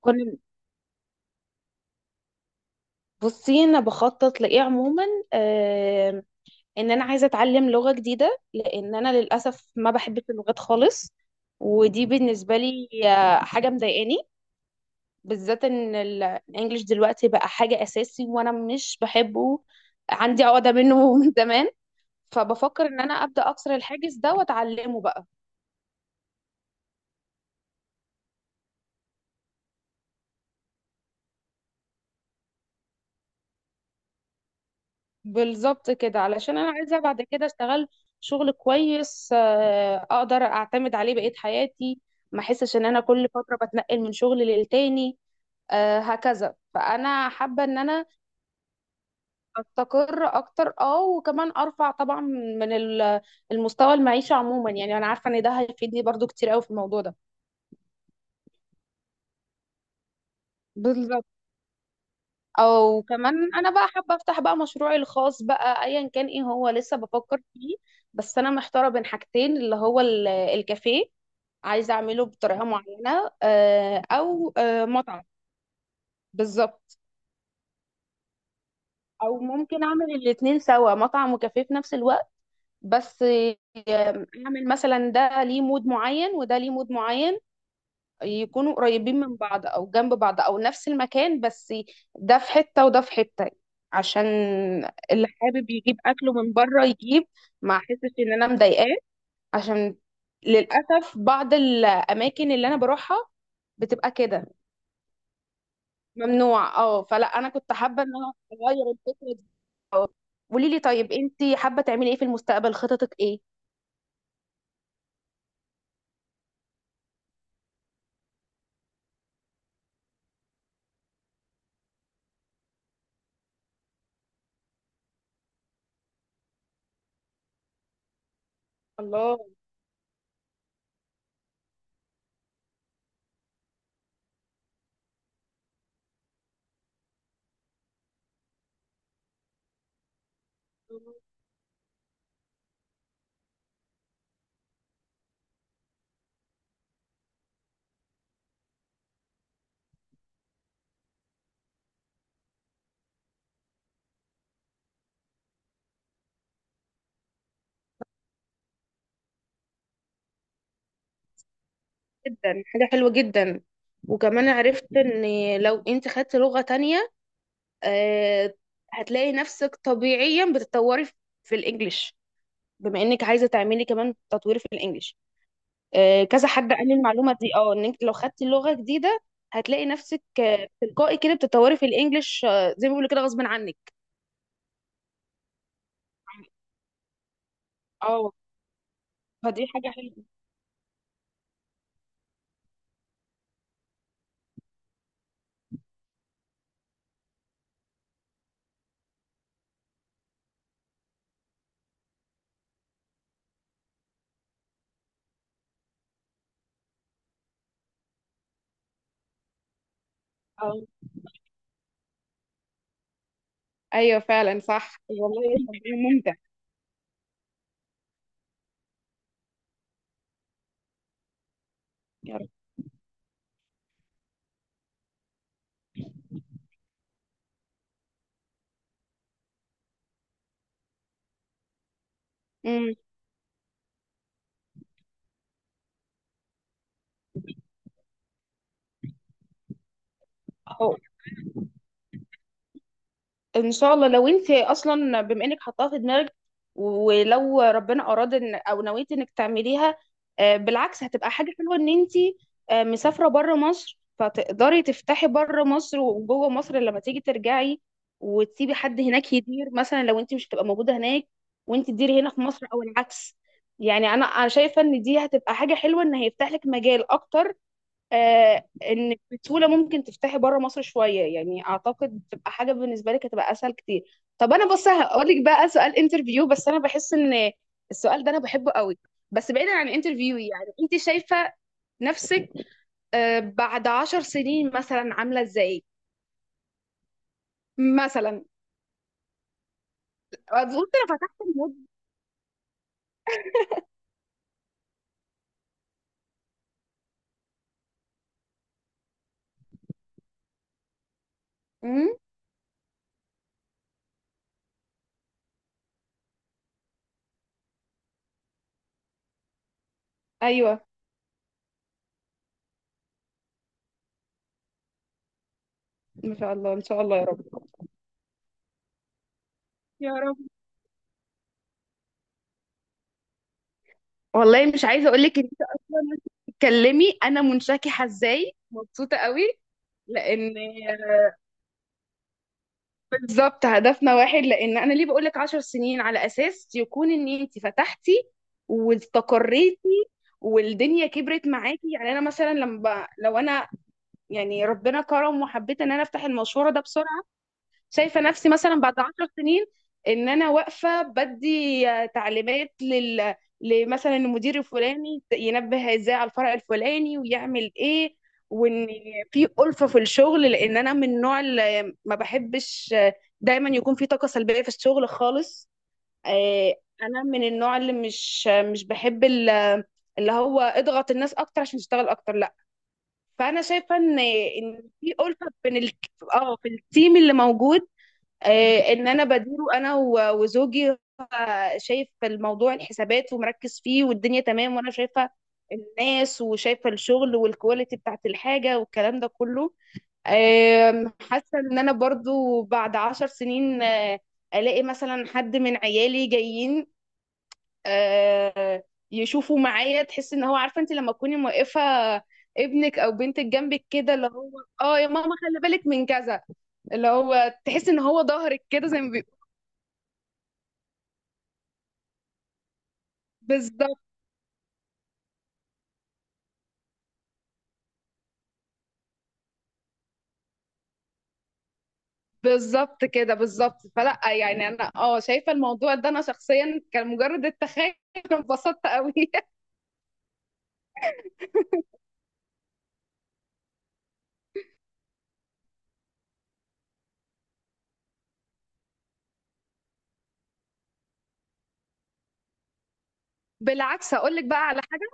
كنا بصي، انا بخطط لايه عموما؟ آه ان انا عايزه اتعلم لغه جديده، لان انا للاسف ما بحبش اللغات خالص. ودي بالنسبه لي حاجه مضايقاني، بالذات ان الانجليش دلوقتي بقى حاجه اساسي وانا مش بحبه، عندي عقده منه من زمان. فبفكر ان انا ابدا اكسر الحاجز ده واتعلمه بقى. بالظبط كده، علشان انا عايزه بعد كده اشتغل شغل كويس، اقدر اعتمد عليه بقية حياتي، ما احسش ان انا كل فتره بتنقل من شغل للتاني. هكذا فانا حابه ان انا استقر اكتر، اه، وكمان ارفع طبعا من المستوى المعيشه عموما. يعني انا عارفه ان ده هيفيدني برضو كتير قوي في الموضوع ده. بالظبط. او كمان انا بقى حابه افتح بقى مشروعي الخاص بقى، ايا كان ايه هو لسه بفكر فيه. بس انا محتاره بين حاجتين، اللي هو الكافيه، عايزة أعمله بطريقة معينة، أو مطعم. بالظبط. أو ممكن أعمل الاتنين سوا، مطعم وكافيه في نفس الوقت. بس أعمل مثلا ده ليه مود معين وده ليه مود معين، يكونوا قريبين من بعض أو جنب بعض أو نفس المكان، بس ده في حتة وده في حتة. عشان اللي حابب يجيب أكله من بره يجيب، ما أحسش إن أنا مضايقاه. عشان للأسف بعض الأماكن اللي أنا بروحها بتبقى كده ممنوع. اه، فلا انا كنت حابه ان انا اغير الفكره دي. اه. قولي لي طيب، انت حابه تعملي ايه في المستقبل؟ خططك ايه؟ الله. جدا حاجه حلوه جدا. وكمان عرفت ان لو انت خدت لغه تانية آه، هتلاقي نفسك طبيعيا بتتطوري في الانجليش، بما انك عايزه تعملي كمان تطوير في الانجليش. كذا حد قال لي المعلومه دي، اه، ان انت لو خدتي لغه جديده هتلاقي نفسك تلقائي كده بتتطوري في الانجليش، زي ما بيقولوا كده غصب عنك. اه، فدي حاجة حلوة. أو. أيوه فعلا صح، والله صدقني ممتع. يا رب. أمم. أو. إن شاء الله. لو أنت أصلا بما إنك حطاها في دماغك، ولو ربنا أراد إن أو نويت إنك تعمليها، بالعكس هتبقى حاجة حلوة إن أنت مسافرة بره مصر، فتقدري تفتحي بره مصر وجوه مصر لما تيجي ترجعي، وتسيبي حد هناك يدير مثلا لو أنت مش هتبقى موجودة هناك، وأنت تديري هنا في مصر أو العكس. يعني أنا شايفة إن دي هتبقى حاجة حلوة، إن هيفتح لك مجال أكتر. آه، انك بسهوله ممكن تفتحي بره مصر شويه. يعني اعتقد تبقى حاجه بالنسبه لك هتبقى اسهل كتير. طب انا بص هقول لك بقى سؤال انترفيو، بس انا بحس ان السؤال ده انا بحبه قوي. بس بعيدا عن انترفيو، يعني انت شايفه نفسك بعد 10 سنين مثلا عامله ازاي؟ مثلا. قلت انا فتحت المود. مم؟ ايوه. ما شاء الله، ان شاء الله يا رب. يا رب. والله مش عايزه اقول لك ان انت اصلا، وانت بتتكلمي انا منشكحه ازاي، مبسوطه قوي. لان بالظبط هدفنا واحد. لان انا ليه بقول لك 10 سنين؟ على اساس يكون ان انت فتحتي واستقريتي والدنيا كبرت معاكي. يعني انا مثلا لما لو انا يعني ربنا كرم وحبيت ان انا افتح المشوار ده بسرعه، شايفه نفسي مثلا بعد 10 سنين ان انا واقفه بدي تعليمات لمثلا المدير الفلاني، ينبه ازاي على الفرع الفلاني ويعمل ايه. وان في ألفة في الشغل، لان انا من النوع اللي ما بحبش، دايما يكون في طاقه سلبيه في الشغل خالص. آه، انا من النوع اللي مش مش بحب اللي هو اضغط الناس اكتر عشان تشتغل اكتر، لا. فانا شايفه ان في ألفة بين ال... اه، في التيم اللي موجود. ان انا بديره انا وزوجي. هو شايف الموضوع الحسابات ومركز فيه والدنيا تمام، وانا شايفه الناس وشايفه الشغل والكواليتي بتاعت الحاجه والكلام ده كله. حاسه ان انا برضو بعد 10 سنين الاقي مثلا حد من عيالي جايين، آه، يشوفوا معايا. تحس ان هو، عارفه انت لما تكوني موقفه ابنك او بنتك جنبك كده، اللي هو اه يا ماما خلي بالك من كذا، اللي هو تحس ان هو ظهرك كده زي ما. بالضبط، بالضبط كده، بالضبط. فلأ، يعني أنا شايفة الموضوع ده أنا شخصيًا كان مجرد التخيُّل أنا اتبسطت أوي بالعكس هاقول لِك بقى على حاجة.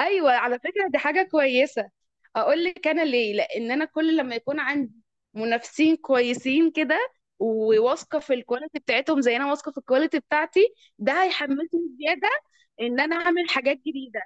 أيوه، على فكرة دي حاجة كويسة. هاقول لِك أنا ليه، لإن أنا كل لمّا يكون عندي منافسين كويسين كده وواثقة في الquality بتاعتهم زي أنا واثقة في الquality بتاعتي، ده هيحمّسني زيادة إن أنا أعمل حاجات جديدة.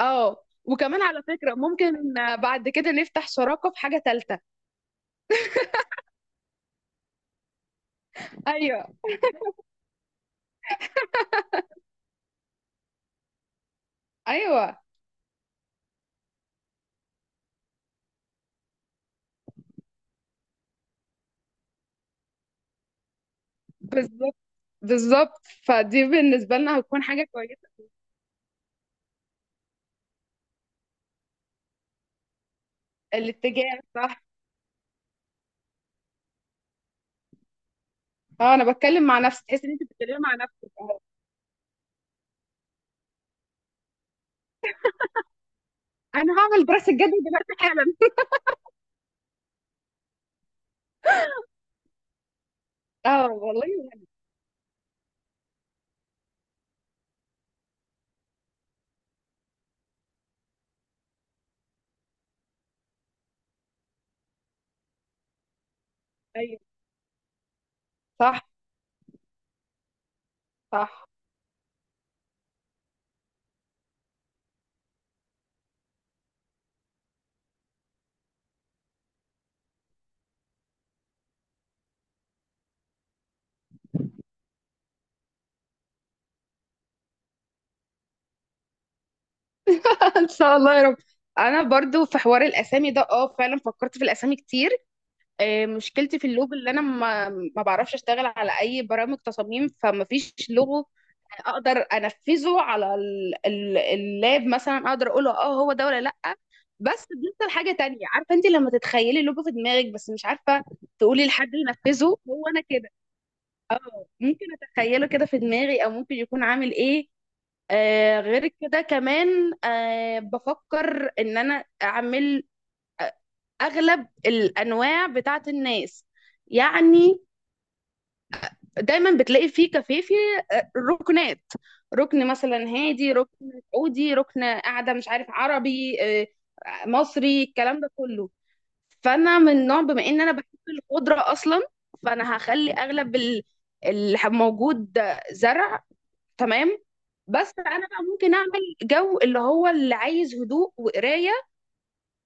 آه، وكمان على فكرة ممكن بعد كده نفتح شراكة في حاجة تالتة. أيوه، أيوه. بالظبط بالظبط، فدي بالنسبة لنا هتكون حاجة كويسة. الاتجاه صح. اه، انا بتكلم مع نفسي، تحس ان انت بتتكلمي مع نفسك، اه. انا هعمل دراسة جدوى دلوقتي حالا. اه والله. ايوه صح صح. ان شاء الله يا رب. انا برضو في حوار الاسامي ده، اه، فعلا فكرت في الاسامي كتير. مشكلتي في اللوجو، اللي انا ما بعرفش اشتغل على اي برامج تصاميم، فما فيش لوجو اقدر انفذه على اللاب، مثلا اقدر اقوله اه هو ده ولا لا. بس بيحصل حاجه تانية، عارفه انت لما تتخيلي اللوجو في دماغك بس مش عارفه تقولي لحد ينفذه هو انا كده. اه، ممكن اتخيله كده في دماغي او ممكن يكون عامل ايه. آه، غير كده كمان بفكر ان انا اعمل آه، اغلب الانواع بتاعت الناس. يعني دايما بتلاقي في كافيه فيه ركنات، ركن مثلا هادي، ركن سعودي، ركن قاعده مش عارف عربي مصري، الكلام ده كله. فانا من نوع، بما ان انا بحب الخضره اصلا، فانا هخلي اغلب اللي موجود ده زرع. تمام. بس انا بقى ممكن اعمل جو اللي هو اللي عايز هدوء وقرايه،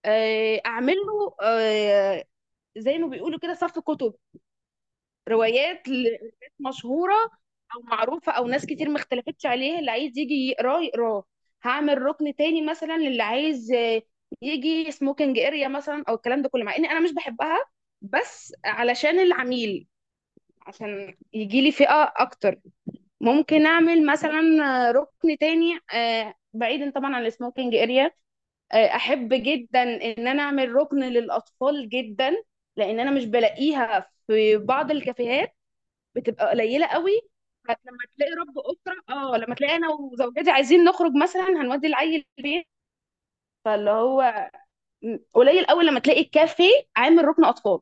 اعمله زي ما بيقولوا كده صف كتب روايات لناس مشهورة أو معروفة أو ناس كتير ما اختلفتش عليها، اللي عايز يجي يقراه يقراه. هعمل ركن تاني مثلا للي عايز يجي سموكينج اريا مثلا أو الكلام ده كله، مع إني أنا مش بحبها، بس علشان العميل، عشان يجي لي فئة أكتر. ممكن أعمل مثلا ركن تاني بعيدا طبعا عن السموكينج اريا. أحب جدا إن أنا أعمل ركن للأطفال جدا، لأن أنا مش بلاقيها في بعض الكافيهات، بتبقى قليله قوي. فلما تلاقي رب اسره، اه، لما تلاقي انا وزوجتي عايزين نخرج مثلا، هنودي العيل البيت. فاللي هو قليل قوي لما تلاقي الكافيه عامل ركن اطفال.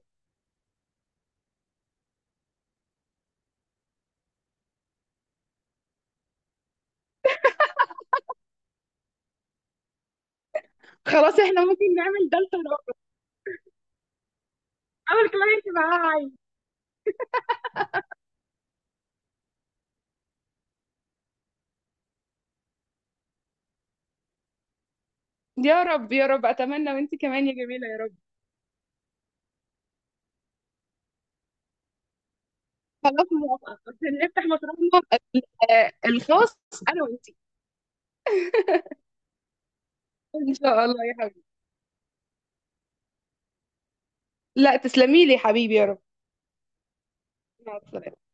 خلاص، احنا ممكن نعمل ده لده. اول كلاينت معاها عيل. يا رب يا رب اتمنى، وانت كمان يا جميله يا رب. خلاص موافقه، عشان نفتح مشروعنا ال- الخاص، انا وانت. ان شاء الله يا حبيبي. لا، تسلمي لي يا حبيبي يا رب. مع السلامه.